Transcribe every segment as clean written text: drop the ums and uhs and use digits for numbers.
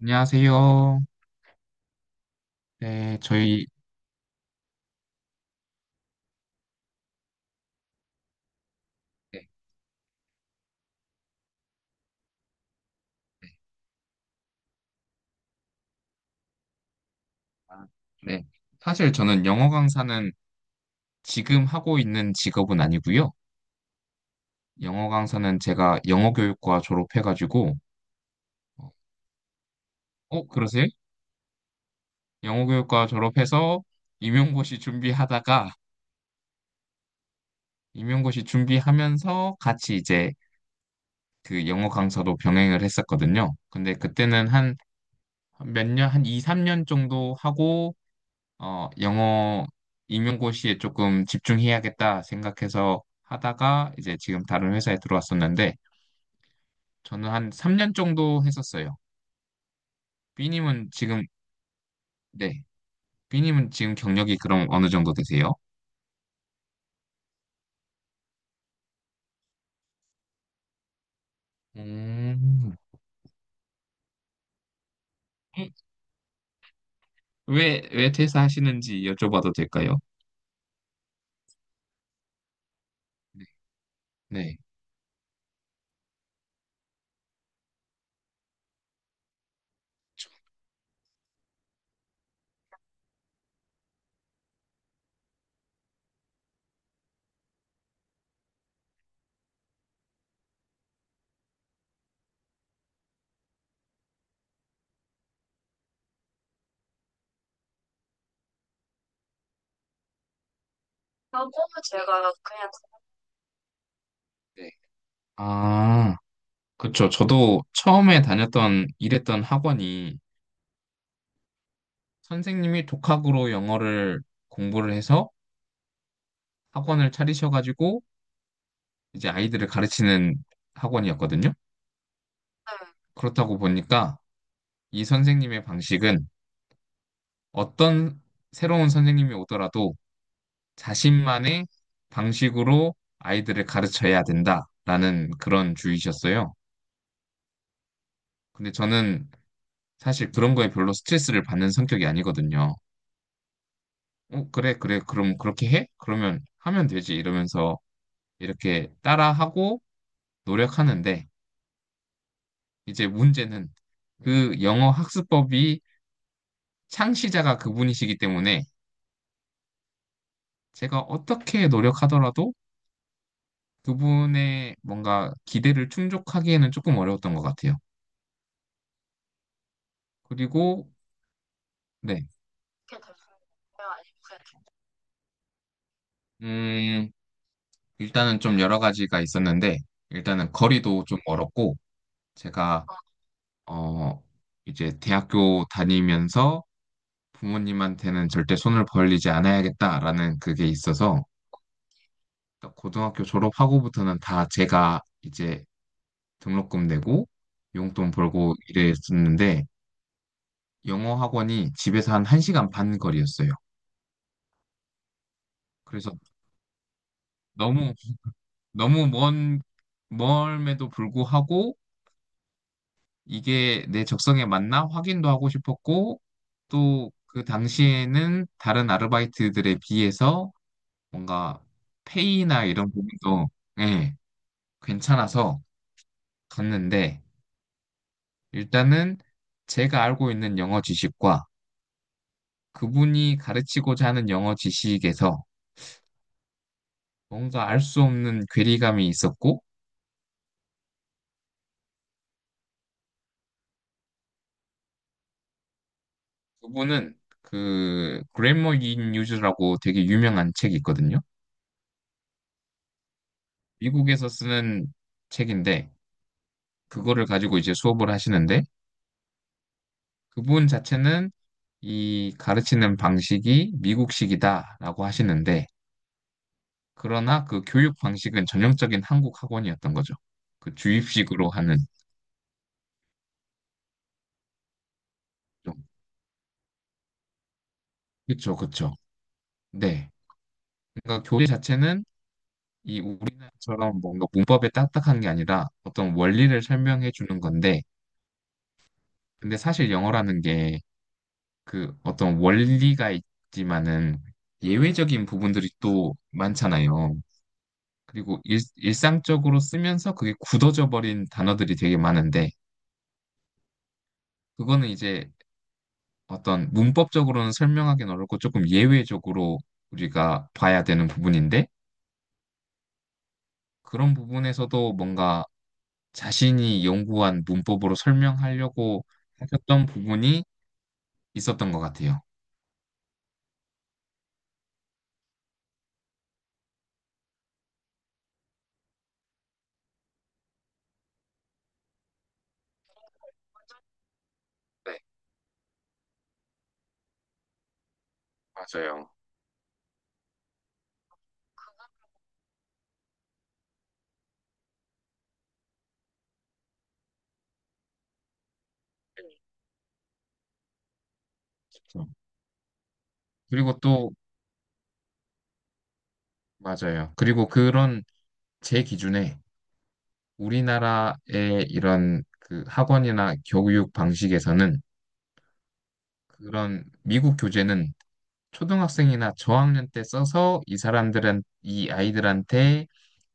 안녕하세요. 네, 네, 저희, 네, 네. 아, 네. 사실 저는 영어 강사는 지금 하고 있는 직업은 아니고요. 영어 강사는 제가 영어교육과 졸업해가지고. 어, 어, 그러세요? 영어교육과 졸업해서 임용고시 준비하다가, 임용고시 준비하면서 같이 이제 그 영어 강사도 병행을 했었거든요. 근데 그때는 한 몇 년, 한 2, 3년 정도 하고, 영어 임용고시에 조금 집중해야겠다 생각해서 하다가 이제 지금 다른 회사에 들어왔었는데 저는 한 3년 정도 했었어요. B님은 지금, 네. B님은 지금 경력이 그럼 어느 정도 되세요? 음. 왜 퇴사하시는지 여쭤봐도 될까요? 네. 네. 하고 제가 그냥 네. 아, 그쵸. 저도 처음에 다녔던, 일했던 학원이 선생님이 독학으로 영어를 공부를 해서 학원을 차리셔가지고 이제 아이들을 가르치는 학원이었거든요. 그렇다고 보니까 이 선생님의 방식은 어떤 새로운 선생님이 오더라도 자신만의 방식으로 아이들을 가르쳐야 된다라는 그런 주의셨어요. 근데 저는 사실 그런 거에 별로 스트레스를 받는 성격이 아니거든요. 그래, 그래, 그럼 그렇게 해? 그러면 하면 되지. 이러면서 이렇게 따라하고 노력하는데 이제 문제는 그 영어 학습법이 창시자가 그분이시기 때문에 제가 어떻게 노력하더라도 그분의 뭔가 기대를 충족하기에는 조금 어려웠던 것 같아요. 그리고, 네. 게요. 음, 일단은 좀 여러 가지가 있었는데, 일단은 거리도 좀 멀었고, 제가, 어, 어, 이제 대학교 다니면서 부모님한테는 절대 손을 벌리지 않아야겠다라는 그게 있어서, 고등학교 졸업하고부터는 다 제가 이제 등록금 내고 용돈 벌고 이랬었는데 영어 학원이 집에서 한 1시간 반 거리였어요. 그래서 너무 너무 먼 멀음에도 불구하고 이게 내 적성에 맞나 확인도 하고 싶었고 또 그 당시에는 다른 아르바이트들에 비해서 뭔가 페이나 이런 부분도, 예, 괜찮아서 갔는데 일단은 제가 알고 있는 영어 지식과 그분이 가르치고자 하는 영어 지식에서 뭔가 알 수 없는 괴리감이 있었고, 그분은 그 그래머 인 유즈라고 되게 유명한 책이 있거든요. 미국에서 쓰는 책인데, 그거를 가지고 이제 수업을 하시는데, 그분 자체는 이 가르치는 방식이 미국식이다라고 하시는데, 그러나 그 교육 방식은 전형적인 한국 학원이었던 거죠. 그 주입식으로 하는. 좀. 그쵸, 그쵸. 네. 그러니까 교재 자체는 이 우리나라처럼 뭔가 문법에 딱딱한 게 아니라 어떤 원리를 설명해 주는 건데, 근데 사실 영어라는 게 그 어떤 원리가 있지만은 예외적인 부분들이 또 많잖아요. 그리고 일상적으로 쓰면서 그게 굳어져 버린 단어들이 되게 많은데, 그거는 이제 어떤 문법적으로는 설명하기는 어렵고 조금 예외적으로 우리가 봐야 되는 부분인데, 그런 부분에서도 뭔가 자신이 연구한 문법으로 설명하려고 하셨던 부분이 있었던 것 같아요. 네, 맞아요. 그렇죠. 그리고 또, 맞아요. 그리고 그런 제 기준에 우리나라의 이런 그 학원이나 교육 방식에서는 그런 미국 교재는 초등학생이나 저학년 때 써서 이 사람들은 이 아이들한테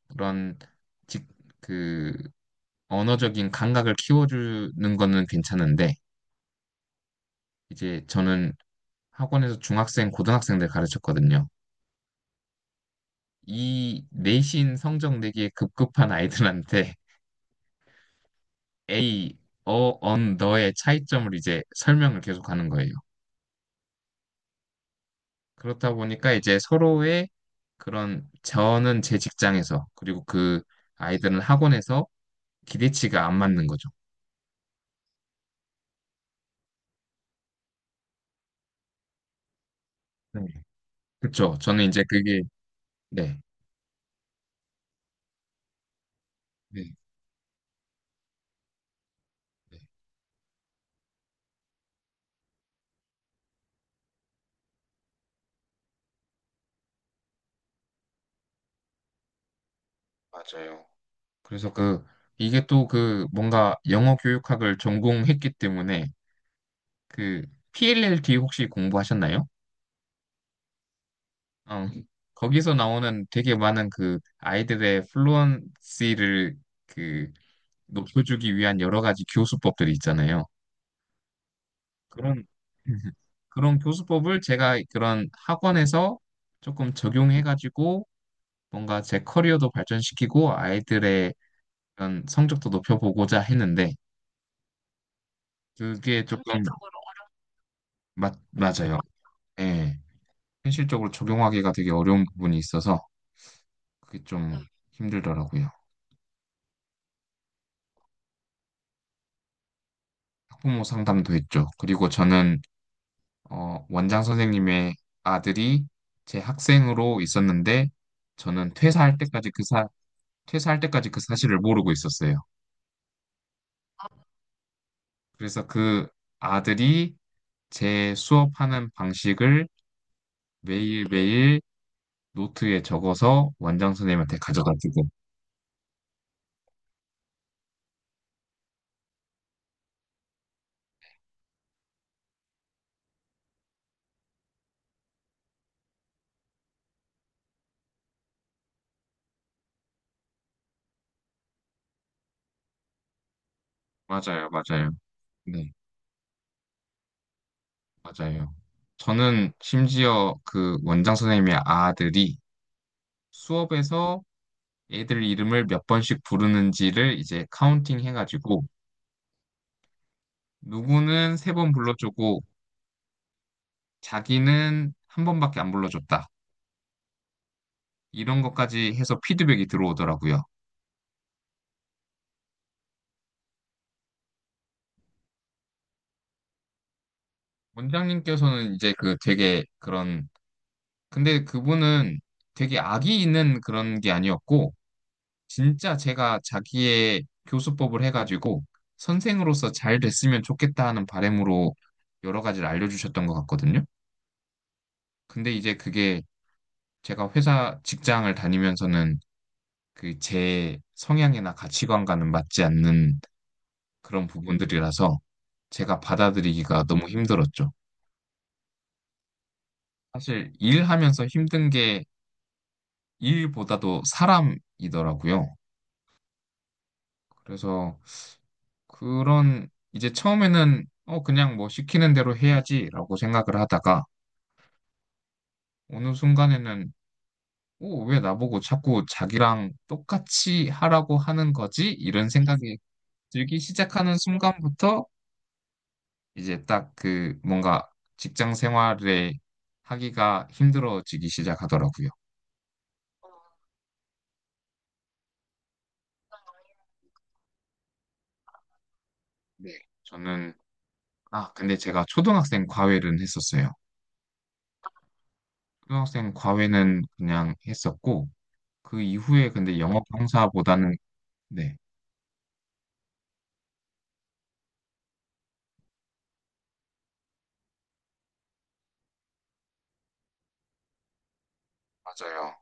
그런 직, 그 언어적인 감각을 키워주는 거는 괜찮은데 이제 저는 학원에서 중학생, 고등학생들 가르쳤거든요. 이 내신 성적 내기에 급급한 아이들한테 A, 너의 차이점을 이제 설명을 계속 하는 거예요. 그렇다 보니까 이제 서로의 그런 저는 제 직장에서 그리고 그 아이들은 학원에서 기대치가 안 맞는 거죠. 네. 그렇죠. 저는 이제 그게 네. 네. 네. 맞아요. 그래서 그 이게 또 그 뭔가 영어 교육학을 전공했기 때문에 그 PLLT 혹시 공부하셨나요? 어, 거기서 나오는 되게 많은 그 아이들의 플루언시를 그 높여주기 위한 여러 가지 교수법들이 있잖아요. 그런 그런 교수법을 제가 그런 학원에서 조금 적용해가지고 뭔가 제 커리어도 발전시키고 아이들의 그런 성적도 높여보고자 했는데 그게 조금 맞아요. 예. 현실적으로 적용하기가 되게 어려운 부분이 있어서 그게 좀 힘들더라고요. 학부모 상담도 했죠. 그리고 저는 원장 선생님의 아들이 제 학생으로 있었는데 저는 퇴사할 때까지 퇴사할 때까지 그 사실을 모르고 있었어요. 그래서 그 아들이 제 수업하는 방식을 매일매일 노트에 적어서 원장 선생님한테 가져다 주고. 맞아요, 맞아요. 네, 맞아요. 저는 심지어 그 원장 선생님의 아들이 수업에서 애들 이름을 몇 번씩 부르는지를 이제 카운팅 해가지고 누구는 3번 불러주고 자기는 한 번밖에 안 불러줬다. 이런 것까지 해서 피드백이 들어오더라고요. 원장님께서는 이제 그 되게 그런, 근데 그분은 되게 악이 있는 그런 게 아니었고 진짜 제가 자기의 교수법을 해가지고 선생으로서 잘 됐으면 좋겠다 하는 바람으로 여러 가지를 알려주셨던 것 같거든요. 근데 이제 그게 제가 회사 직장을 다니면서는 그 제 성향이나 가치관과는 맞지 않는 그런 부분들이라서 제가 받아들이기가 너무 힘들었죠. 사실 일하면서 힘든 게 일보다도 사람이더라고요. 그래서 그런 이제 처음에는 그냥 뭐 시키는 대로 해야지라고 생각을 하다가 어느 순간에는 어, 왜 나보고 자꾸 자기랑 똑같이 하라고 하는 거지? 이런 생각이 들기 시작하는 순간부터 이제 딱 그 뭔가 직장 생활에 하기가 힘들어지기 시작하더라고요. 네. 저는, 아, 근데 제가 초등학생 과외는 했었어요. 초등학생 과외는 그냥 했었고, 그 이후에 근데 영어 강사보다는, 네, 맞아요.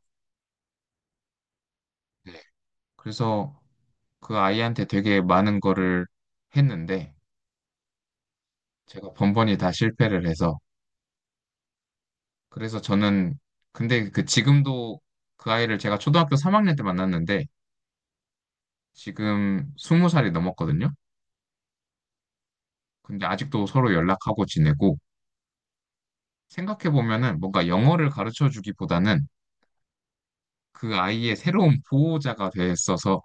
네. 그래서 그 아이한테 되게 많은 거를 했는데, 제가 번번이 다 실패를 해서, 그래서 저는, 근데 그 지금도 그 아이를 제가 초등학교 3학년 때 만났는데, 지금 스무 살이 넘었거든요. 근데 아직도 서로 연락하고 지내고 생각해보면은 뭔가 영어를 가르쳐 주기보다는 그 아이의 새로운 보호자가 됐어서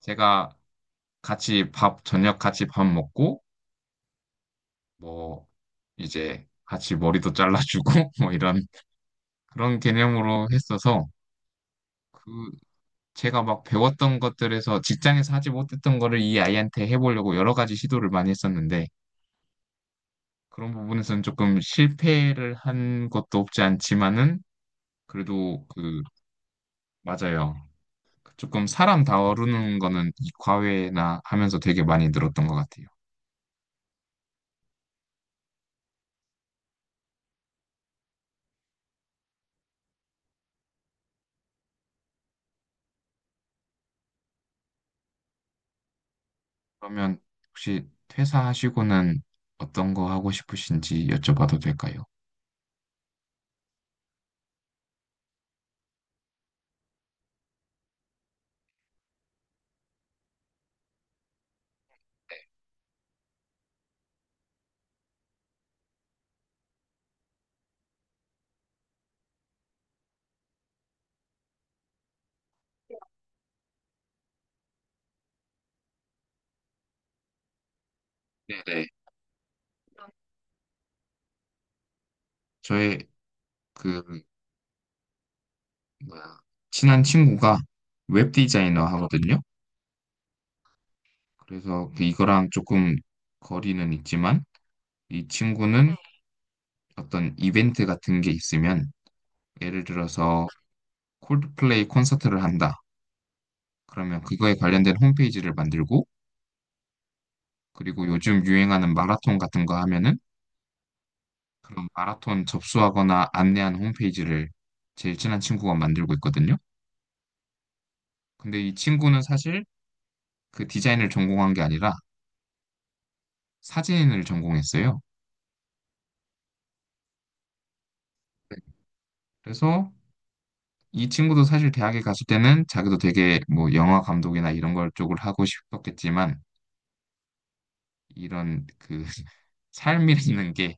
제가 저녁 같이 밥 먹고 뭐 이제 같이 머리도 잘라주고 뭐 이런 그런 개념으로 했어서 그 제가 막 배웠던 것들에서 직장에서 하지 못했던 거를 이 아이한테 해보려고 여러 가지 시도를 많이 했었는데 그런 부분에서는 조금 실패를 한 것도 없지 않지만은 그래도 그 맞아요. 조금 사람 다루는 거는 이 과외나 하면서 되게 많이 늘었던 것 같아요. 그러면 혹시 퇴사하시고는 어떤 거 하고 싶으신지 여쭤봐도 될까요? 네네. 저의 그 뭐야 친한 친구가 웹 디자이너 하거든요. 그래서 그 이거랑 조금 거리는 있지만 이 친구는 어떤 이벤트 같은 게 있으면 예를 들어서 콜드플레이 콘서트를 한다. 그러면 그거에 관련된 홈페이지를 만들고 그리고 요즘 유행하는 마라톤 같은 거 하면은 그런 마라톤 접수하거나 안내하는 홈페이지를 제일 친한 친구가 만들고 있거든요. 근데 이 친구는 사실 그 디자인을 전공한 게 아니라 사진을 전공했어요. 네. 그래서 이 친구도 사실 대학에 갔을 때는 자기도 되게 뭐 영화 감독이나 이런 걸 쪽을 하고 싶었겠지만 이런 그 삶이라는 게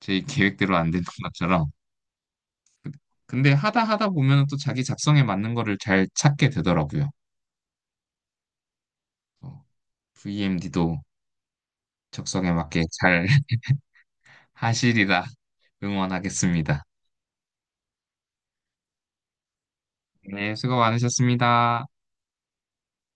제 계획대로 안 되는 것처럼 근데 하다 하다 보면 또 자기 작성에 맞는 거를 잘 찾게 되더라고요. 어. VMD도 적성에 맞게 잘 하시리라 응원하겠습니다. 네, 수고 많으셨습니다.